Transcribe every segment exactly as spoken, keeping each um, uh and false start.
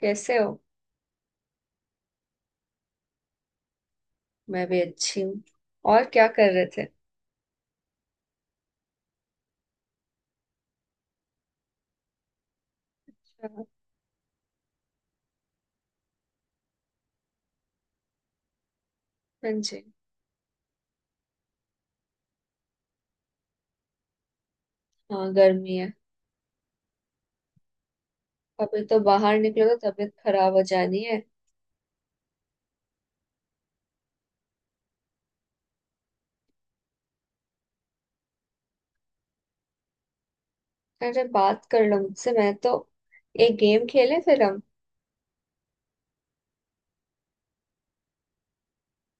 कैसे हो। मैं भी अच्छी हूँ। और क्या कर रहे थे। अच्छा। हाँ जी। हाँ, गर्मी है। अभी तो बाहर निकलो तो तबीयत खराब हो जानी है। अरे बात कर लो मुझसे, मैं तो एक गेम खेले फिर हम।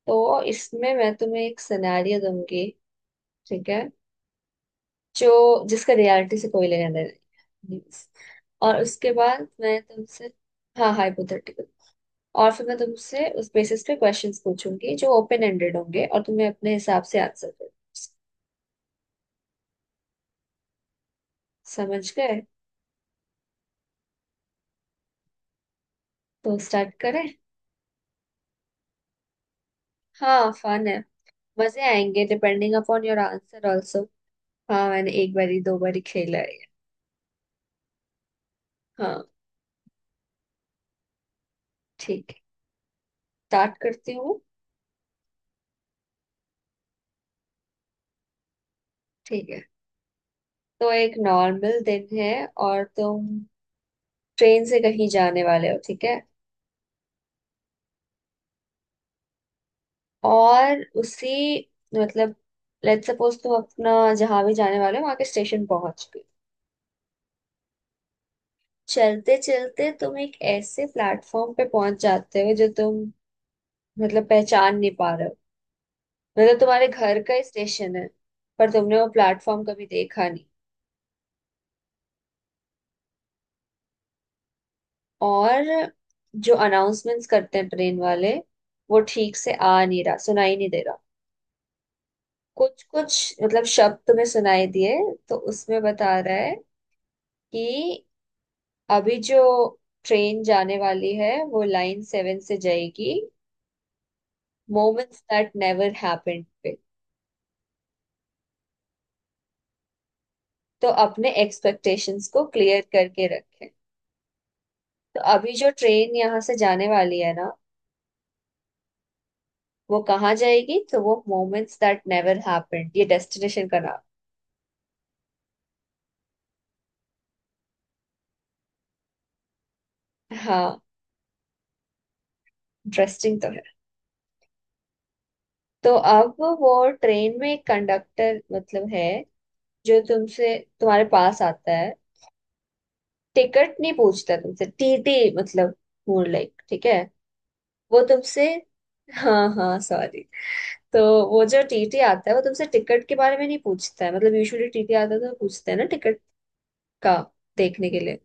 तो इसमें मैं तुम्हें एक सिनेरियो दूंगी। ठीक है। जो जिसका रियलिटी से कोई लेना देना नहीं है। और उसके बाद मैं तुमसे। हाँ, हाइपोथेटिकल। और फिर मैं तुमसे उस बेसिस पे क्वेश्चंस पूछूंगी जो ओपन एंडेड होंगे और तुम्हें अपने हिसाब से आंसर करना है। समझ गए। तो स्टार्ट करें। हाँ, फन है। मजे आएंगे depending upon your answer also. हाँ, मैंने एक बारी दो बारी खेला है। हाँ। ठीक है। स्टार्ट करती हूँ। ठीक है। तो एक नॉर्मल दिन है और तुम ट्रेन से कहीं जाने वाले हो, ठीक है। और उसी मतलब लेट्स सपोज तुम अपना जहां भी जाने वाले हो वहां के स्टेशन पहुंच गए। चलते चलते तुम एक ऐसे प्लेटफॉर्म पे पहुंच जाते हो जो तुम मतलब पहचान नहीं पा रहे हो। मतलब तुम्हारे घर का ही स्टेशन है, पर तुमने वो प्लेटफॉर्म कभी देखा नहीं। और जो अनाउंसमेंट्स करते हैं ट्रेन वाले वो ठीक से आ नहीं रहा, सुनाई नहीं दे रहा। कुछ कुछ मतलब शब्द तुम्हें सुनाई दिए तो उसमें बता रहा है कि अभी जो ट्रेन जाने वाली है वो लाइन सेवन से जाएगी मोमेंट्स दैट नेवर हैपेंड पे। तो अपने एक्सपेक्टेशंस को क्लियर करके रखें। तो अभी जो ट्रेन यहाँ से जाने वाली है ना, वो कहाँ जाएगी, तो वो मोमेंट्स दैट नेवर हैपेंड, ये डेस्टिनेशन का नाम। हाँ, इंटरेस्टिंग तो है। तो अब वो ट्रेन में एक कंडक्टर मतलब है जो तुमसे तुम्हारे पास आता है। टिकट नहीं पूछता तुमसे, टीटी मतलब, मोर लाइक, ठीक है। वो तुमसे। हाँ हाँ, सॉरी। तो वो जो टीटी आता है वो तुमसे टिकट के बारे में नहीं पूछता है, मतलब यूजुअली टीटी आता है तो पूछते हैं ना टिकट का, देखने के लिए।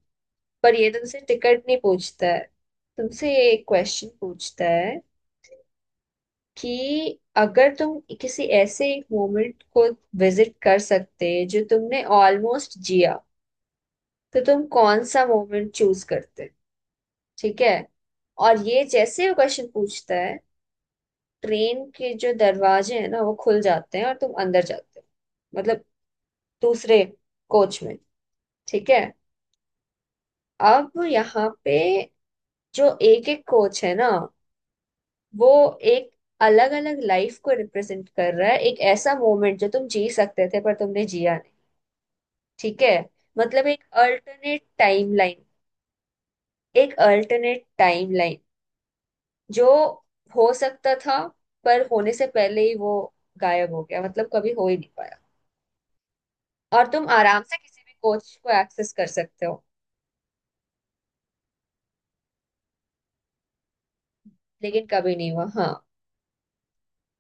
पर ये तुमसे टिकट नहीं पूछता है। तुमसे ये एक क्वेश्चन पूछता है कि अगर तुम किसी ऐसे एक मोमेंट को विजिट कर सकते जो तुमने ऑलमोस्ट जिया, तो तुम कौन सा मोमेंट चूज करते। ठीक है। और ये जैसे वो क्वेश्चन पूछता है, ट्रेन के जो दरवाजे हैं ना वो खुल जाते हैं और तुम अंदर जाते हो, मतलब दूसरे कोच में। ठीक है। अब यहाँ पे जो एक एक कोच है ना, वो एक अलग अलग लाइफ को रिप्रेजेंट कर रहा है, एक ऐसा मोमेंट जो तुम जी सकते थे पर तुमने जिया नहीं। ठीक है। मतलब एक अल्टरनेट टाइमलाइन। एक अल्टरनेट टाइमलाइन जो हो सकता था पर होने से पहले ही वो गायब हो गया, मतलब कभी हो ही नहीं पाया। और तुम आराम से किसी भी कोच को एक्सेस कर सकते हो। लेकिन कभी नहीं हुआ, हाँ।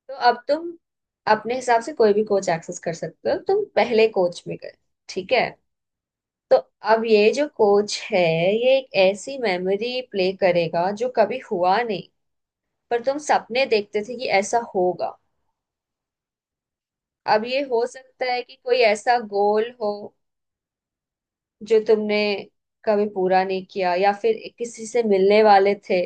तो अब तुम अपने हिसाब से कोई भी कोच एक्सेस कर सकते हो, तुम पहले कोच में गए। ठीक है। तो अब ये जो कोच है, ये एक ऐसी मेमोरी प्ले करेगा जो कभी हुआ नहीं पर तुम सपने देखते थे कि ऐसा होगा। अब ये हो सकता है कि कोई ऐसा गोल हो जो तुमने कभी पूरा नहीं किया, या फिर किसी से मिलने वाले थे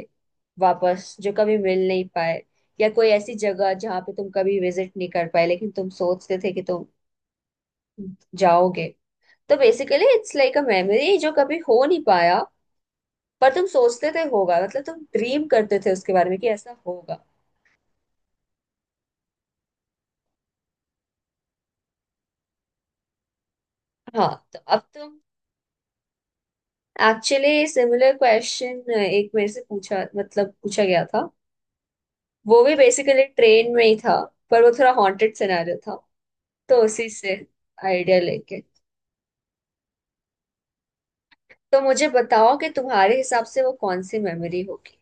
वापस जो कभी मिल नहीं पाए, या कोई ऐसी जगह जहाँ पे तुम कभी विजिट नहीं कर पाए लेकिन तुम सोचते थे कि तुम जाओगे। तो basically it's like a memory जो कभी हो नहीं पाया, पर तुम सोचते थे होगा, मतलब तुम ड्रीम करते थे उसके बारे में कि ऐसा होगा। हाँ, तो अब तुम। एक्चुअली सिमिलर क्वेश्चन एक मेरे से पूछा, मतलब पूछा गया था। वो भी बेसिकली ट्रेन में ही था। पर वो थोड़ा हॉन्टेड सिनेरियो था। तो उसी से आइडिया लेके। तो मुझे बताओ कि तुम्हारे हिसाब से वो कौन सी मेमोरी होगी।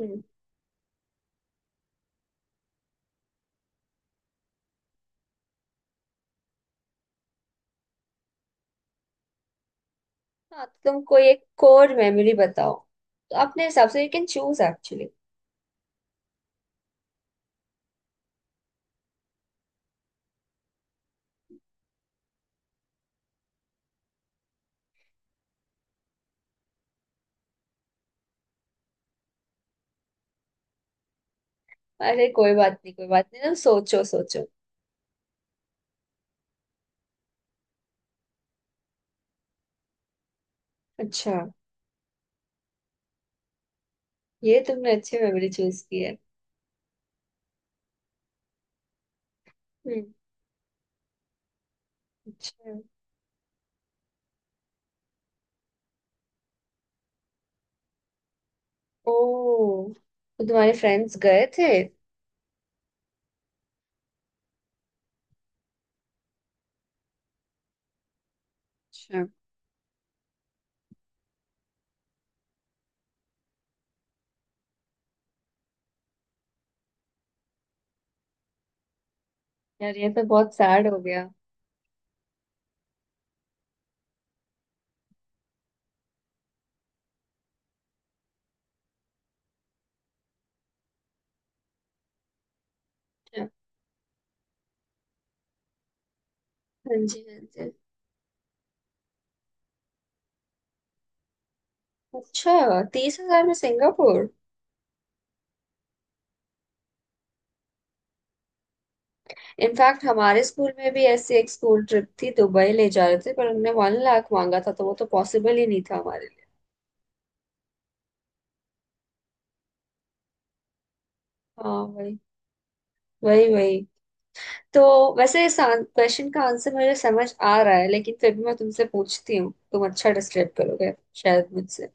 हम्म। हाँ, तो तुम कोई एक कोर मेमोरी बताओ। तो अपने हिसाब से यू कैन चूज एक्चुअली। अरे कोई बात नहीं, कोई बात नहीं, तुम सोचो सोचो। अच्छा। ये तुमने अच्छी मेमोरी चूज की है। हम्म। अच्छा। ओ, तो तुम्हारे फ्रेंड्स गए थे। अच्छा। यार, ये तो बहुत सैड हो गया। अच्छा। हाँ जी, हाँ जी। अच्छा, तीस हजार में सिंगापुर। इनफैक्ट हमारे स्कूल में भी ऐसी एक स्कूल ट्रिप थी, दुबई ले जा रहे थे, पर उनने वन लाख मांगा था तो वो तो पॉसिबल ही नहीं था हमारे लिए। हाँ वही, वही, वही। तो वैसे इस क्वेश्चन का आंसर मुझे समझ आ रहा है, लेकिन फिर भी मैं तुमसे पूछती हूँ, तुम अच्छा डिस्क्राइब करोगे शायद मुझसे।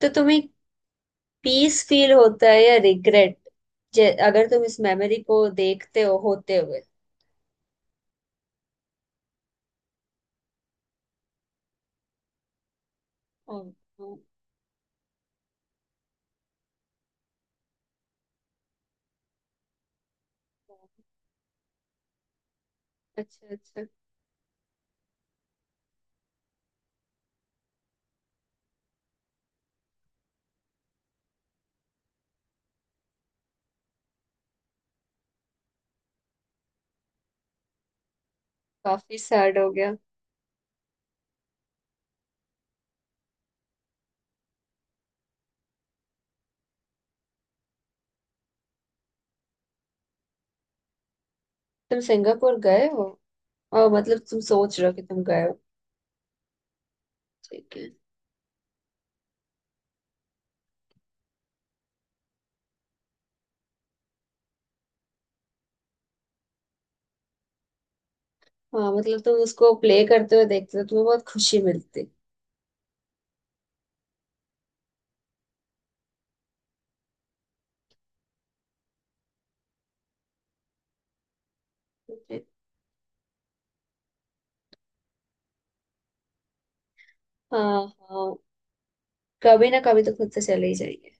तो तुम्हें पीस फील होता है या रिग्रेट, अगर तुम इस मेमोरी को देखते हो होते हुए। ओ, ओ, ओ। अच्छा अच्छा। काफी सैड हो गया। तुम सिंगापुर गए हो। और मतलब तुम सोच रहे हो कि तुम गए हो। ठीक है। हाँ, मतलब तुम उसको प्ले करते हुए देखते हो तो तुम्हें बहुत खुशी मिलती है। हाँ हाँ। कभी ना कभी तो खुद से चले ही जाएंगे।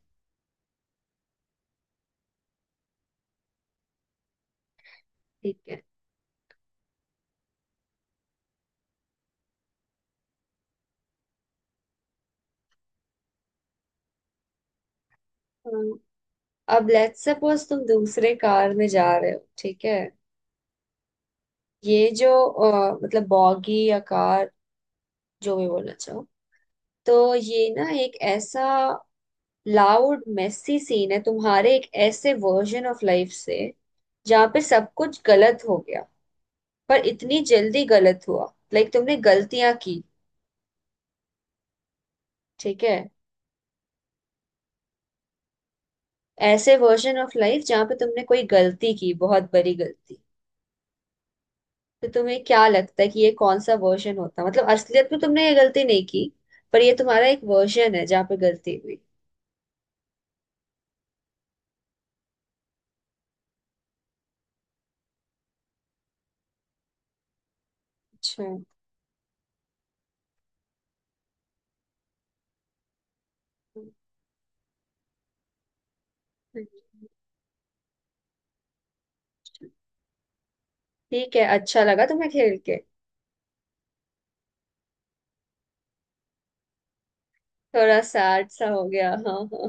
ठीक है। हाँ। अब लेट्स सपोज तुम दूसरे कार में जा रहे हो, ठीक है। ये जो अ, मतलब बॉगी या कार, जो भी बोलना चाहो। तो ये ना एक ऐसा लाउड मेसी सीन है तुम्हारे एक ऐसे वर्जन ऑफ लाइफ से, जहाँ पे सब कुछ गलत हो गया पर इतनी जल्दी गलत हुआ। लाइक तुमने गलतियां की। ठीक है। ऐसे वर्जन ऑफ लाइफ जहाँ पे तुमने कोई गलती की, बहुत बड़ी गलती। तो तुम्हें क्या लगता है कि ये कौन सा वर्जन होता, मतलब असलियत में तुमने ये गलती नहीं की, पर ये तुम्हारा एक वर्जन है जहाँ पे गलती हुई। अच्छा। ठीक है, अच्छा लगा तुम्हें खेल के। थोड़ा सैड सा अच्छा हो गया, हाँ हाँ।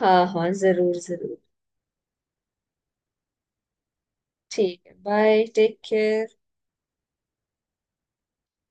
हाँ हाँ, जरूर जरूर। ठीक है, बाय, टेक केयर।